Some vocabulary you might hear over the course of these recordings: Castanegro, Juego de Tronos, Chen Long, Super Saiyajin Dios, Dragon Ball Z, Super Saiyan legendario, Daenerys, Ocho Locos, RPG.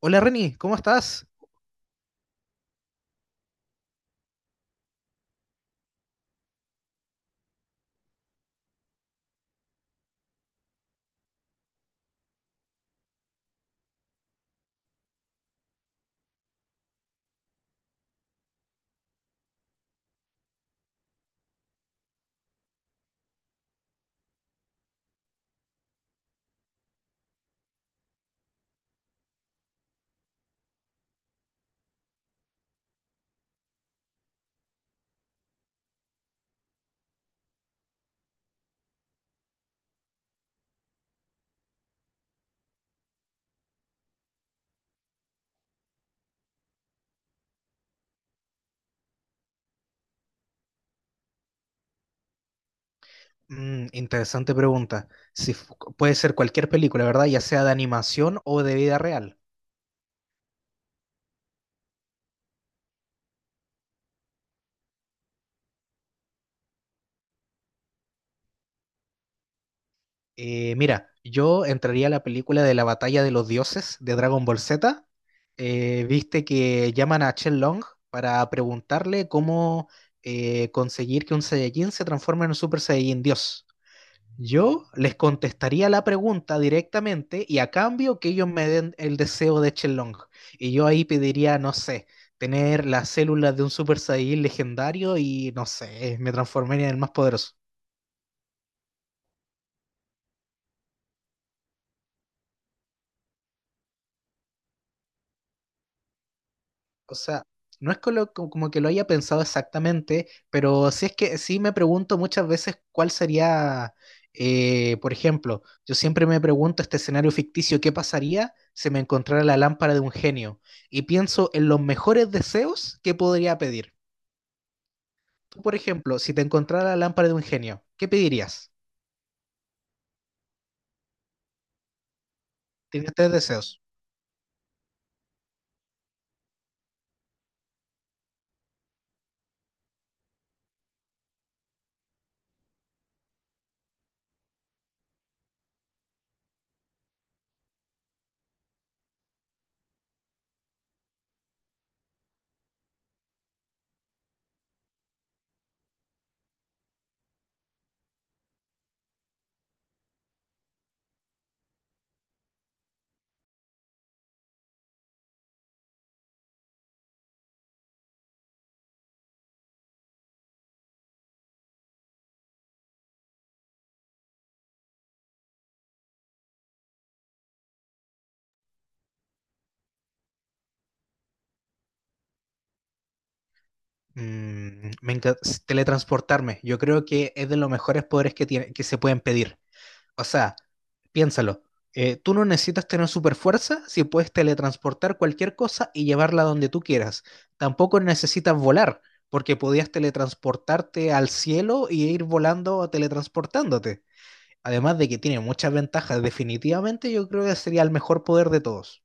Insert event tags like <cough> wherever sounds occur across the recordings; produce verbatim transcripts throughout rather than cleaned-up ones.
Hola Reni, ¿cómo estás? Mm, interesante pregunta. Si fu- ¿Puede ser cualquier película, verdad? Ya sea de animación o de vida real. Eh, mira, yo entraría a la película de la Batalla de los Dioses de Dragon Ball Z. Eh, viste que llaman a Chen Long para preguntarle cómo eh, conseguir que un Saiyajin se transforme en un Super Saiyajin Dios. Yo les contestaría la pregunta directamente y a cambio que ellos me den el deseo de Chelong. Y yo ahí pediría, no sé, tener las células de un Super Saiyan legendario y no sé, me transformaría en el más poderoso. O sea, no es que lo- como que lo haya pensado exactamente, pero sí es que sí me pregunto muchas veces cuál sería, eh, por ejemplo, yo siempre me pregunto este escenario ficticio, ¿qué pasaría si me encontrara la lámpara de un genio? Y pienso en los mejores deseos que podría pedir. Tú, por ejemplo, si te encontrara la lámpara de un genio, ¿qué pedirías? Tienes tres deseos. Mm, me enca- s- teletransportarme. Yo creo que es de los mejores poderes que tiene- que se pueden pedir. O sea, piénsalo. Eh, tú no necesitas tener super fuerza si puedes teletransportar cualquier cosa y llevarla donde tú quieras. Tampoco necesitas volar, porque podías teletransportarte al cielo y ir volando o teletransportándote. Además de que tiene muchas ventajas, definitivamente yo creo que sería el mejor poder de todos.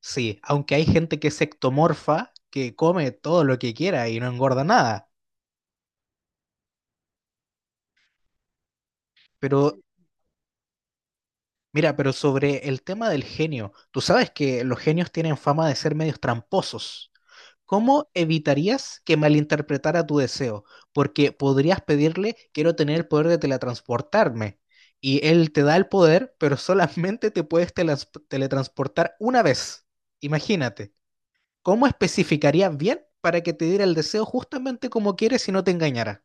Sí, aunque hay gente que es ectomorfa, que come todo lo que quiera y no engorda nada. Pero mira, pero sobre el tema del genio, tú sabes que los genios tienen fama de ser medios tramposos. ¿Cómo evitarías que malinterpretara tu deseo? Porque podrías pedirle, quiero tener el poder de teletransportarme. Y él te da el poder, pero <laughs> solamente te puedes telas- teletransportar una vez. Imagínate, ¿cómo especificarías bien para que te diera el deseo justamente como quieres y no te engañara?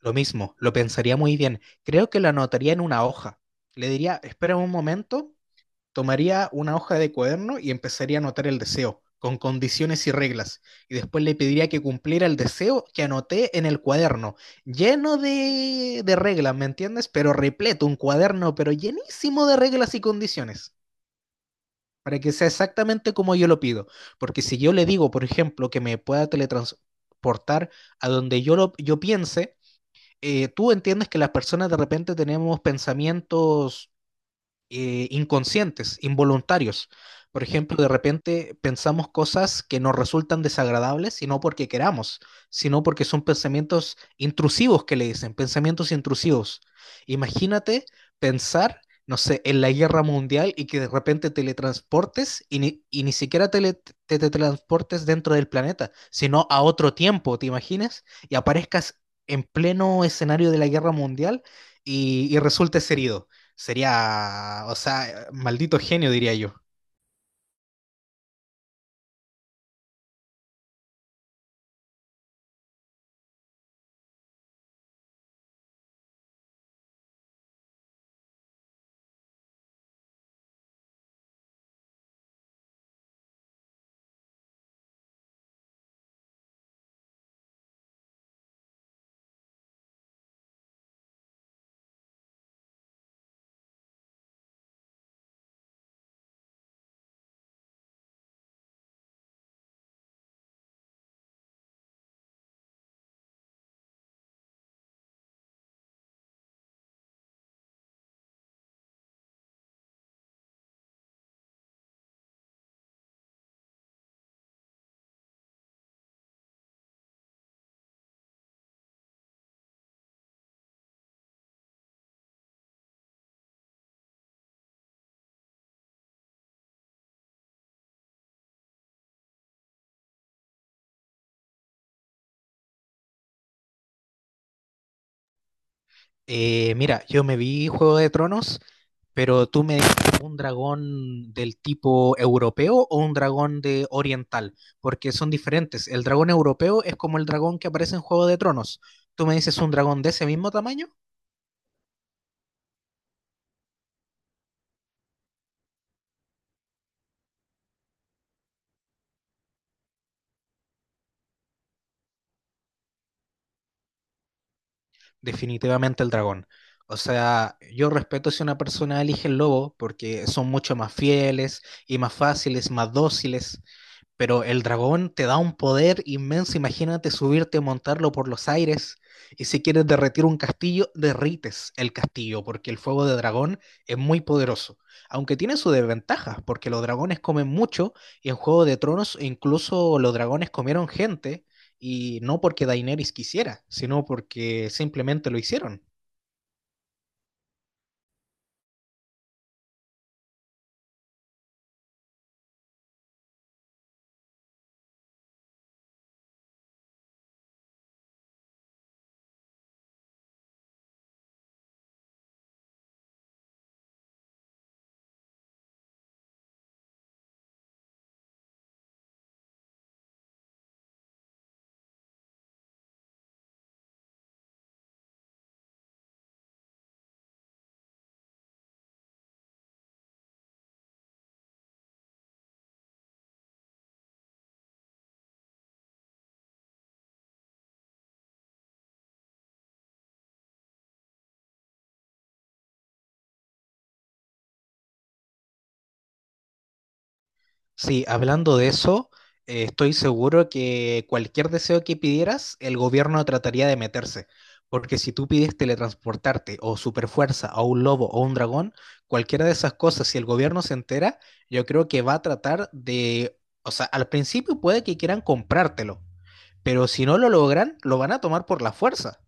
Lo mismo, lo pensaría muy bien. Creo que lo anotaría en una hoja. Le diría, espera un momento, tomaría una hoja de cuaderno y empezaría a anotar el deseo, con condiciones y reglas, y después le pediría que cumpliera el deseo que anoté en el cuaderno, lleno de, de reglas, ¿me entiendes? Pero repleto, un cuaderno, pero llenísimo de reglas y condiciones para que sea exactamente como yo lo pido. Porque si yo le digo, por ejemplo, que me pueda teletransportar a donde yo, lo, yo piense, eh, tú entiendes que las personas de repente tenemos pensamientos eh, inconscientes, involuntarios. Por ejemplo, de repente pensamos cosas que nos resultan desagradables y no porque queramos, sino porque son pensamientos intrusivos que le dicen, pensamientos intrusivos. Imagínate pensar, no sé, en la guerra mundial y que de repente teletransportes y ni, y ni siquiera tele- te teletransportes dentro del planeta, sino a otro tiempo, ¿te imaginas? Y aparezcas en pleno escenario de la guerra mundial y, y resultes herido. Sería, o sea, maldito genio, diría yo. Eh, mira, yo me vi Juego de Tronos, pero tú me dijiste un dragón del tipo europeo o un dragón de oriental, porque son diferentes. El dragón europeo es como el dragón que aparece en Juego de Tronos. Tú me dices un dragón de ese mismo tamaño, definitivamente el dragón. O sea, yo respeto si una persona elige el lobo, porque son mucho más fieles y más fáciles, más dóciles. Pero el dragón te da un poder inmenso. Imagínate subirte y montarlo por los aires. Y si quieres derretir un castillo, derrites el castillo, porque el fuego de dragón es muy poderoso. Aunque tiene sus desventajas, porque los dragones comen mucho, y en Juego de Tronos incluso los dragones comieron gente, y no porque Daenerys quisiera, sino porque simplemente lo hicieron. Sí, hablando de eso, eh, estoy seguro que cualquier deseo que pidieras, el gobierno trataría de meterse. Porque si tú pides teletransportarte o superfuerza o un lobo o un dragón, cualquiera de esas cosas, si el gobierno se entera, yo creo que va a tratar de, o sea, al principio puede que quieran comprártelo, pero si no lo logran, lo van a tomar por la fuerza.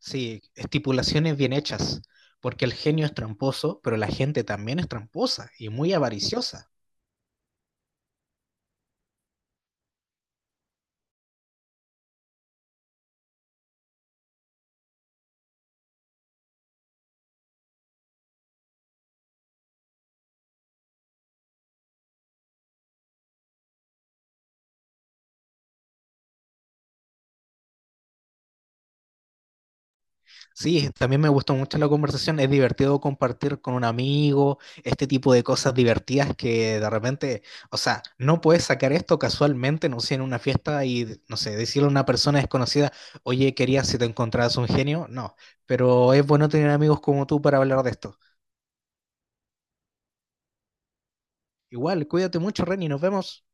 Sí, estipulaciones bien hechas, porque el genio es tramposo, pero la gente también es tramposa y muy avariciosa. Sí, también me gustó mucho la conversación. Es divertido compartir con un amigo este tipo de cosas divertidas que de repente, o sea, no puedes sacar esto casualmente, no sé, en una fiesta y, no sé, decirle a una persona desconocida, oye, quería si te encontrabas un genio. No, pero es bueno tener amigos como tú para hablar de esto. Igual, cuídate mucho, Reni, nos vemos.